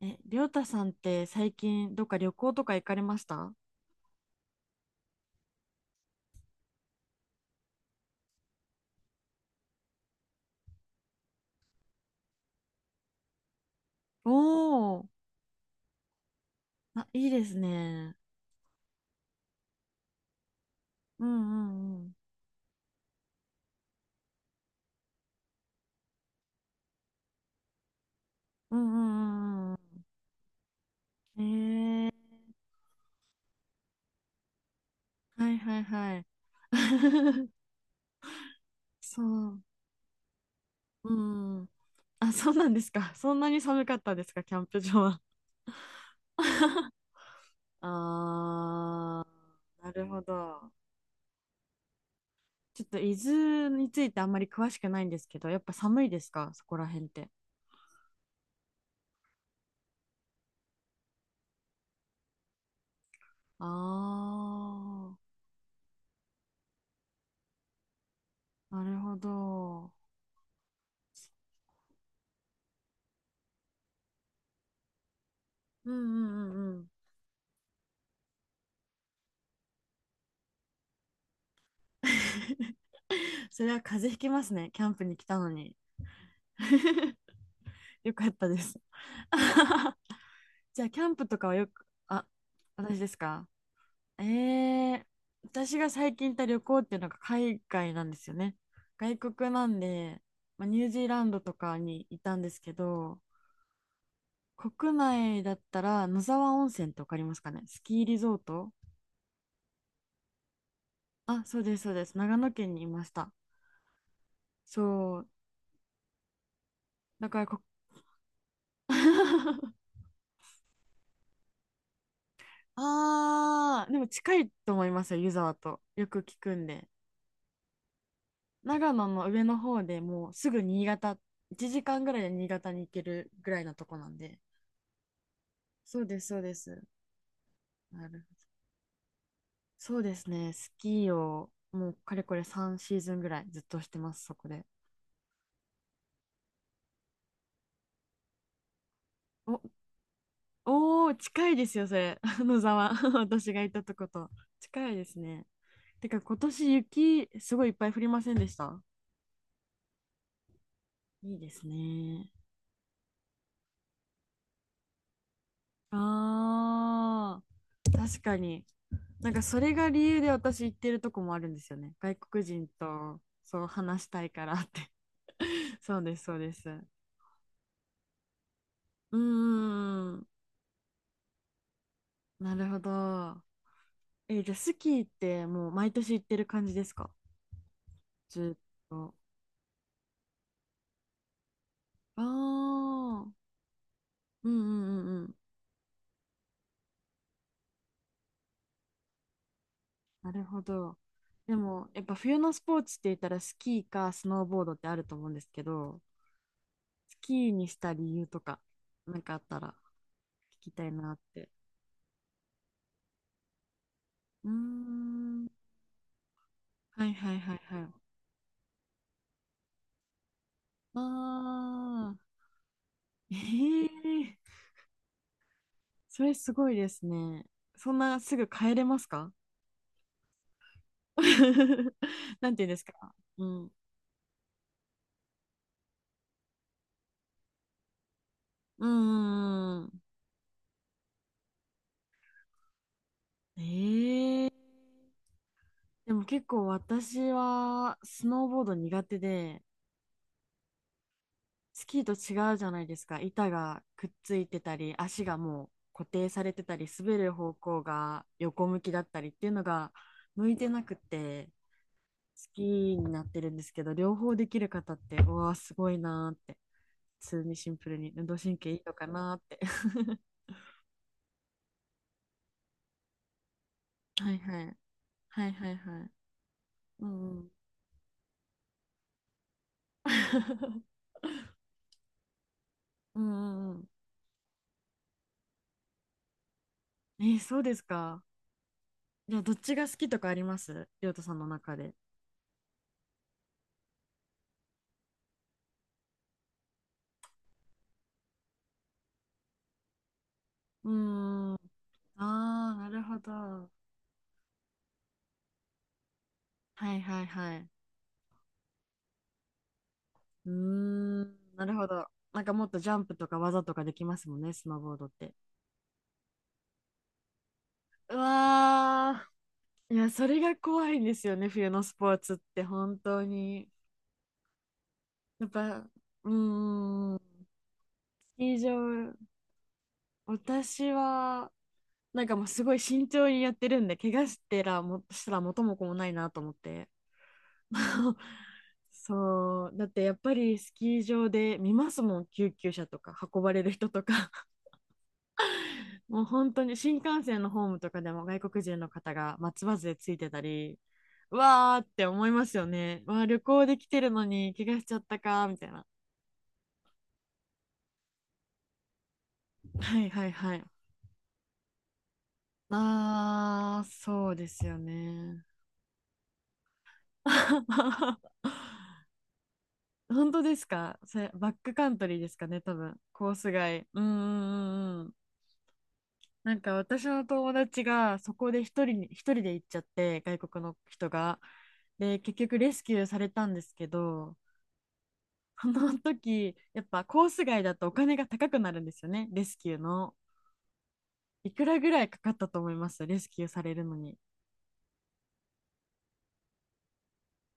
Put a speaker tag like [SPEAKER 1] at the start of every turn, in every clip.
[SPEAKER 1] りょうたさんって最近どっか旅行とか行かれました？おおー、あ、いいですね。うんうんうん。うんうんうんうん。えー、はいはいはい。そう。うん。あ、そうなんですか。そんなに寒かったですか、キャンプ場は？あー、なるほど。ちょっと伊豆についてあんまり詳しくないんですけど、やっぱ寒いですか、そこら辺って？あ、なるほど。うんうんうんうん。それは風邪ひきますね。キャンプに来たのに。よかったです。じゃあ、キャンプとかはよく、あ、私ですか？えー、私が最近行った旅行っていうのが海外なんですよね。外国なんで、まあ、ニュージーランドとかにいたんですけど、国内だったら野沢温泉ってわかりますかね？スキーリゾート。あ、そうです、そうです。長野県にいました。そう。だからこ、ああ、でも近いと思いますよ、湯沢と。よく聞くんで。長野の上の方でもうすぐ新潟、1時間ぐらいで新潟に行けるぐらいのとこなんで。そうです、そうです。なるほど。そうですね、スキーをもうかれこれ3シーズンぐらいずっとしてます、そこで。お、おー、近いですよ、それ。野沢、私が行ったとこと。近いですね。てか今年雪すごいいっぱい降りませんでした？いいですね。ああ。確かに。なんかそれが理由で私行ってるとこもあるんですよね。外国人と、そう話したいからって。そうです、そうです。うーん、なるほど。じゃあスキーってもう毎年行ってる感じですか？ずっと。ああ、うんうんうんうん。なるほど。でもやっぱ冬のスポーツって言ったらスキーかスノーボードってあると思うんですけど、スキーにした理由とか、なんかあったら聞きたいなって。うーん。はいはいはいはい。ああ、ええ、それすごいですね。そんなすぐ帰れますか？ なんていうんですか。うん。うーん。ええ、でも結構私はスノーボード苦手で、スキーと違うじゃないですか。板がくっついてたり、足がもう固定されてたり、滑る方向が横向きだったりっていうのが向いてなくて。きになってるんですけど、両方できる方って、うわー、すごいなーって。普通にシンプルに運動神経いいのかなーって。はいはい。はいはいはい。うんうん。うんうんうん。えー、そうですか。じゃあ、どっちが好きとかあります？りょうたさんの中で。うーん。ああ、なるほど。はいはいはい。うーん、なるほど。なんかもっとジャンプとか技とかできますもんね、スノーボードって。うわー。いや、それが怖いんですよね、冬のスポーツって本当に。やっぱ、うーん、スキー場、私は、なんかもうすごい慎重にやってるんで、怪我してらも、したら元も子もないなと思って。そう、だってやっぱりスキー場で見ますもん、救急車とか運ばれる人とか。もう本当に新幹線のホームとかでも外国人の方が松葉杖ついてたり、うわーって思いますよね。わあ、旅行できてるのに怪我しちゃったか、みたいな。はいはいはい。あー、そうですよね。本当ですか？それバックカントリーですかね、多分。コース外。うんうんうんうん。なんか私の友達がそこで一人に、一人で行っちゃって、外国の人が。で、結局レスキューされたんですけど、この時、やっぱコース外だとお金が高くなるんですよね、レスキューの。いくらぐらいかかったと思います？レスキューされるのに。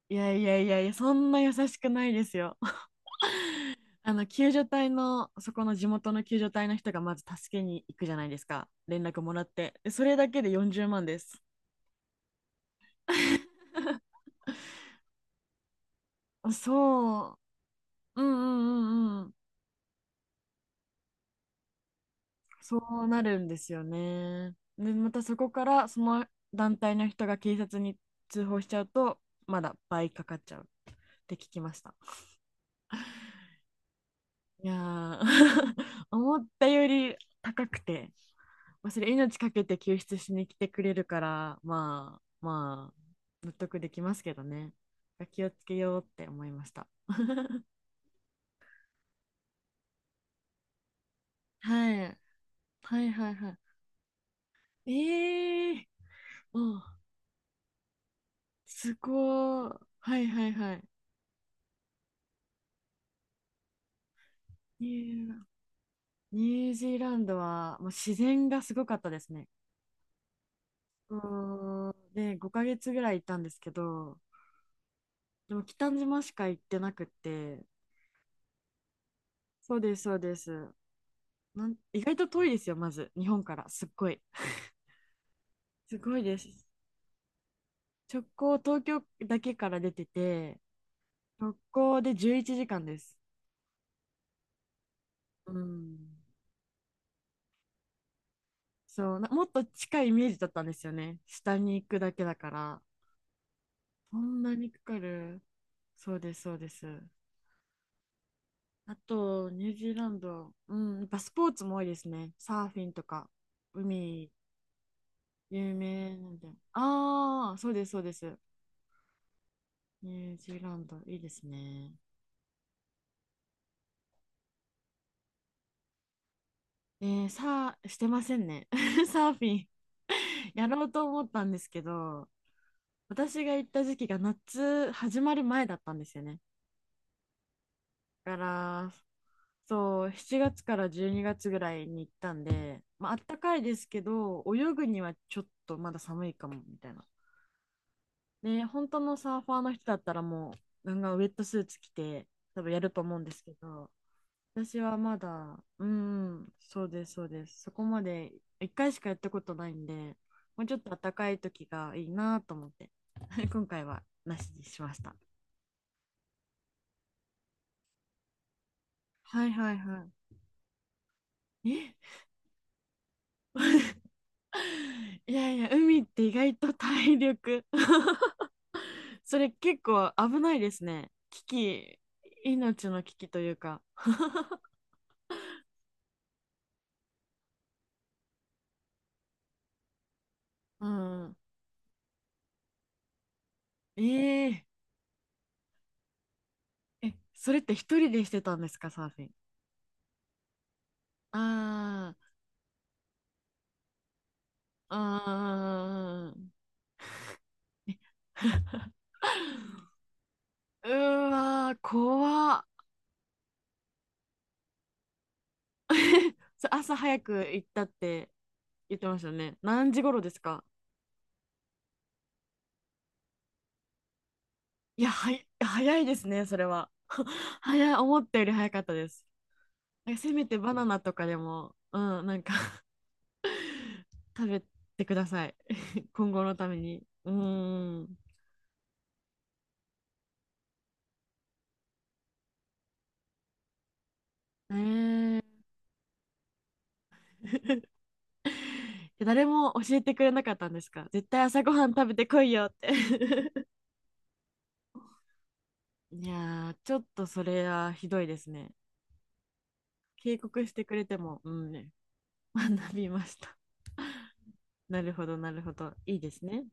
[SPEAKER 1] いやいやいやいや、そんな優しくないですよ。あの救助隊の、そこの地元の救助隊の人がまず助けに行くじゃないですか。連絡もらって、でそれだけで40万です。 そう、うんうんうん、そうなるんですよね。で、またそこからその団体の人が警察に通報しちゃうと、まだ倍かかっちゃうって聞きました。いやー、 思ったより高くて、まあそれ命かけて救出しに来てくれるから、まあまあ、納得できますけどね。気をつけようって思いました。はい。はいはいはい。ええー、お、すごい。はいはいはい。ええ。ニュージーランドはもう自然がすごかったですね。うーん。で、5ヶ月ぐらい行ったんですけど、でも北島しか行ってなくって、そうです、そうです。なん、意外と遠いですよ、まず、日本から、すっごい。すごいです。直行、東京だけから出てて、直行で11時間です。うん。そう、なもっと近いイメージだったんですよね。下に行くだけだから。そんなにかかる？そうです、そうです。あと、ニュージーランド、うん、やっぱスポーツも多いですね。サーフィンとか、海、有名なんで。ああ、そうです、そうです。ニュージーランド、いいですね。さあ、してませんね。サーフィン、やろうと思ったんですけど、私が行った時期が夏始まる前だったんですよね。だから、そう、7月から12月ぐらいに行ったんで、まあ、あったかいですけど、泳ぐにはちょっとまだ寒いかも、みたいな。ね、本当のサーファーの人だったらもう、なんかウェットスーツ着て、多分やると思うんですけど、私はまだ、うん、そうです、そうです。そこまで一回しかやったことないんで、もうちょっと暖かい時がいいなと思って、今回はなしにしました。はいはいはい。え、いやいや、海って意外と体力 それ結構危ないですね。危機、命の危機というか。うん。えええ、それって一人でしてたんですか、サーフィン？あー、あー、うーわー、怖っ。それ朝早く行ったって言ってましたよね。何時頃ですか？いや、はい、早いですね、それは。早い、思ったより早かったです。え、せめてバナナとかでも、うん、なんか 食べてください。今後のために。うーん。ねえ、 誰も教えてくれなかったんですか？絶対朝ごはん食べてこいよって。 いやー、ちょっとそれはひどいですね。警告してくれても、うんね、学びました。なるほど、なるほど。いいですね。